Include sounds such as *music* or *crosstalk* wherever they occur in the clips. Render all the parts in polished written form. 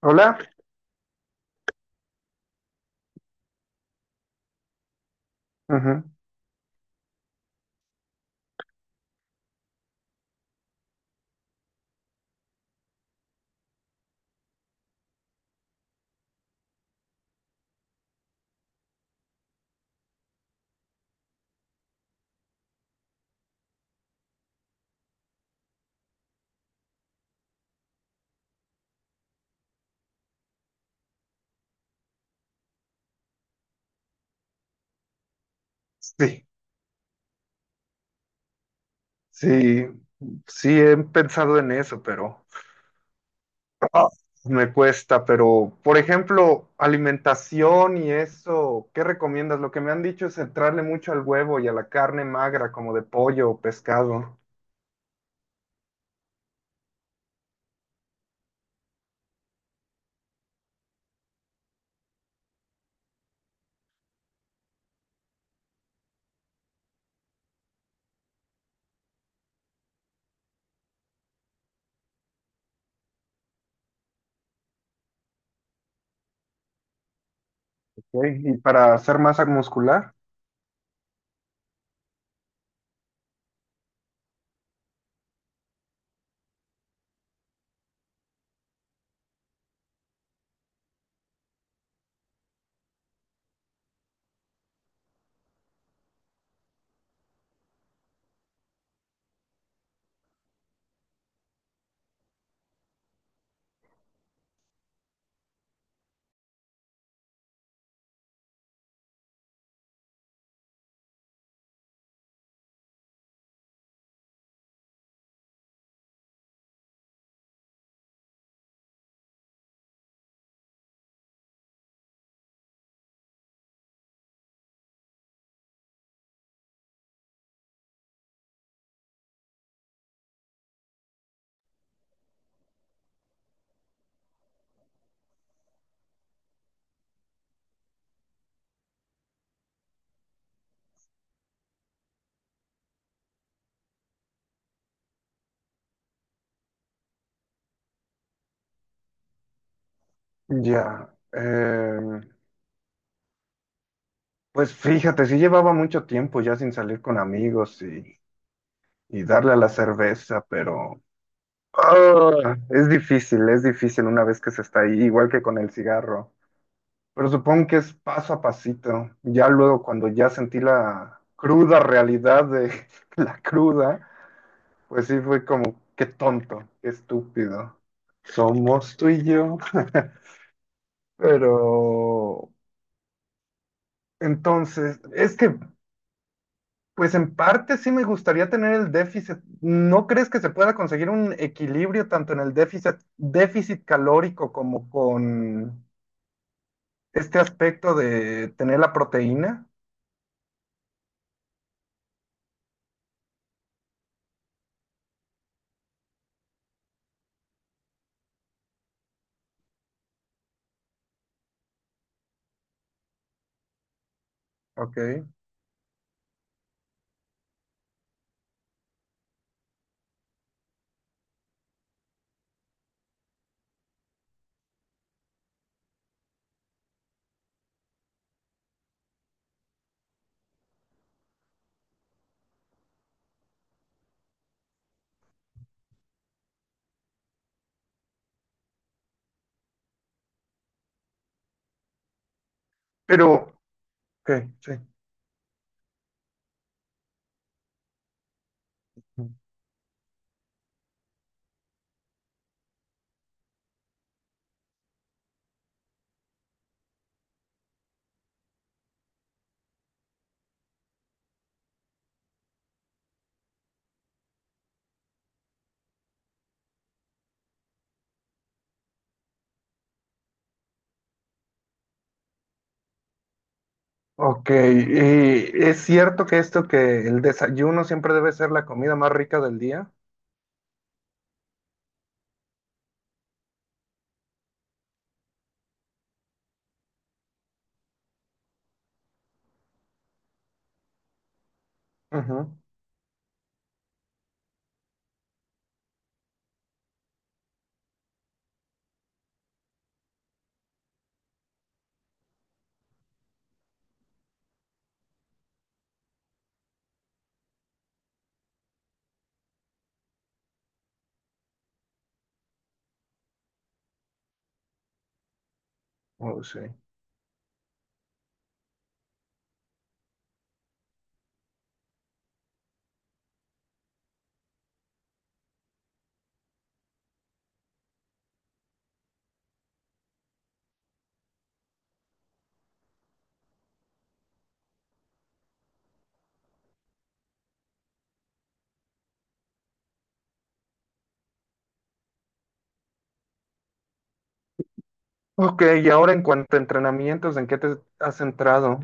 Hola. Ujú. Sí, sí, sí, he pensado en eso, pero *laughs* ah, me cuesta. Pero, por ejemplo, alimentación y eso, ¿qué recomiendas? Lo que me han dicho es entrarle mucho al huevo y a la carne magra, como de pollo o pescado. Ok, ¿y para hacer masa muscular? Ya. Pues fíjate, sí llevaba mucho tiempo ya sin salir con amigos y darle a la cerveza, pero. Ah, es difícil una vez que se está ahí, igual que con el cigarro. Pero supongo que es paso a pasito. Ya luego, cuando ya sentí la cruda realidad de *laughs* la cruda, pues sí fue como, qué tonto, qué estúpido. Somos tú y yo. *laughs* Pero entonces, pues en parte sí me gustaría tener el déficit. ¿No crees que se pueda conseguir un equilibrio tanto en el déficit calórico como con este aspecto de tener la proteína, ok, pero, ok, sí. Ok, y es cierto que esto, que el desayuno siempre debe ser la comida más rica del día. Ujú. Oh, sí. Ok, y ahora en cuanto a entrenamientos, ¿en qué te has centrado?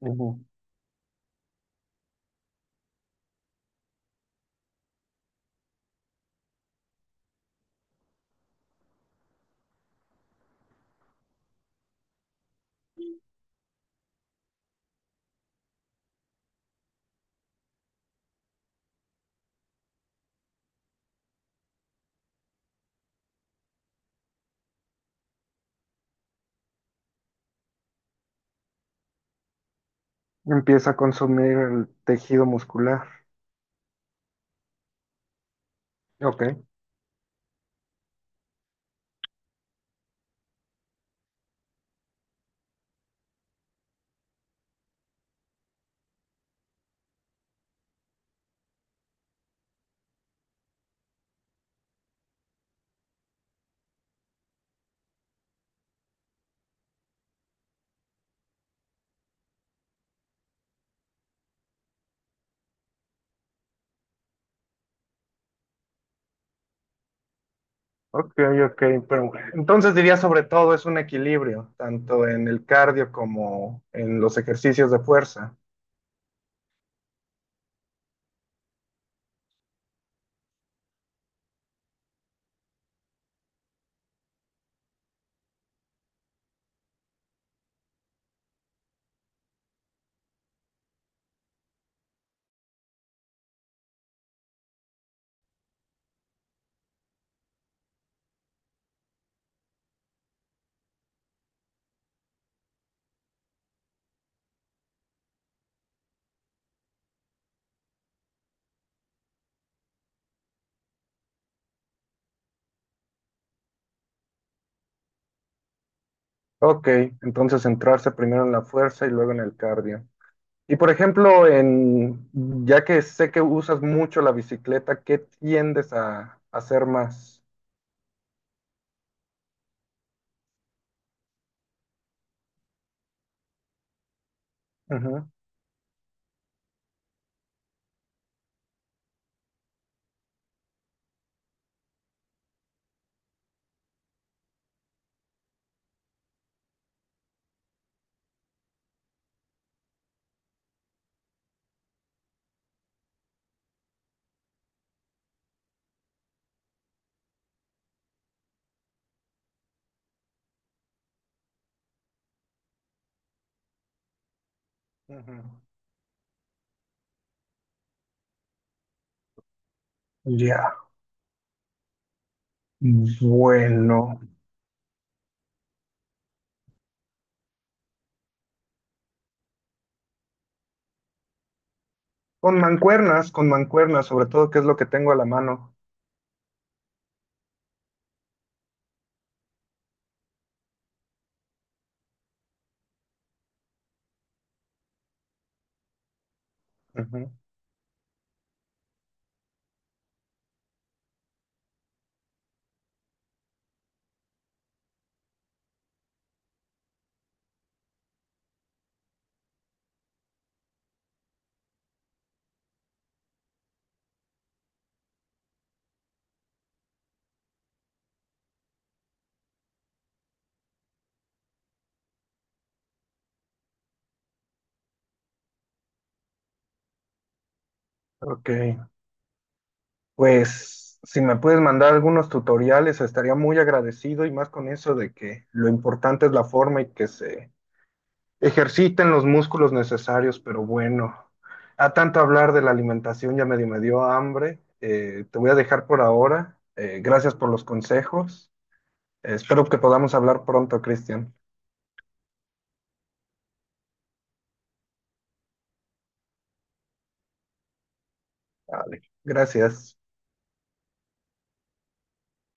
Ujú. Empieza a consumir el tejido muscular. Ok, ok, ok, pero entonces diría sobre todo es un equilibrio, tanto en el cardio como en los ejercicios de fuerza. Ok, entonces centrarse primero en la fuerza y luego en el cardio. Y por ejemplo, ya que sé que usas mucho la bicicleta, ¿qué tiendes a hacer más? Ujú, ujú. Ya, bueno. Con mancuernas, sobre todo, que es lo que tengo a la mano. Ujú. Ok, pues si me puedes mandar algunos tutoriales, estaría muy agradecido y más con eso de que lo importante es la forma y que se ejerciten los músculos necesarios, pero bueno, a tanto hablar de la alimentación ya medio me dio hambre. Te voy a dejar por ahora. Gracias por los consejos. Espero que podamos hablar pronto, Cristian. Vale. Gracias.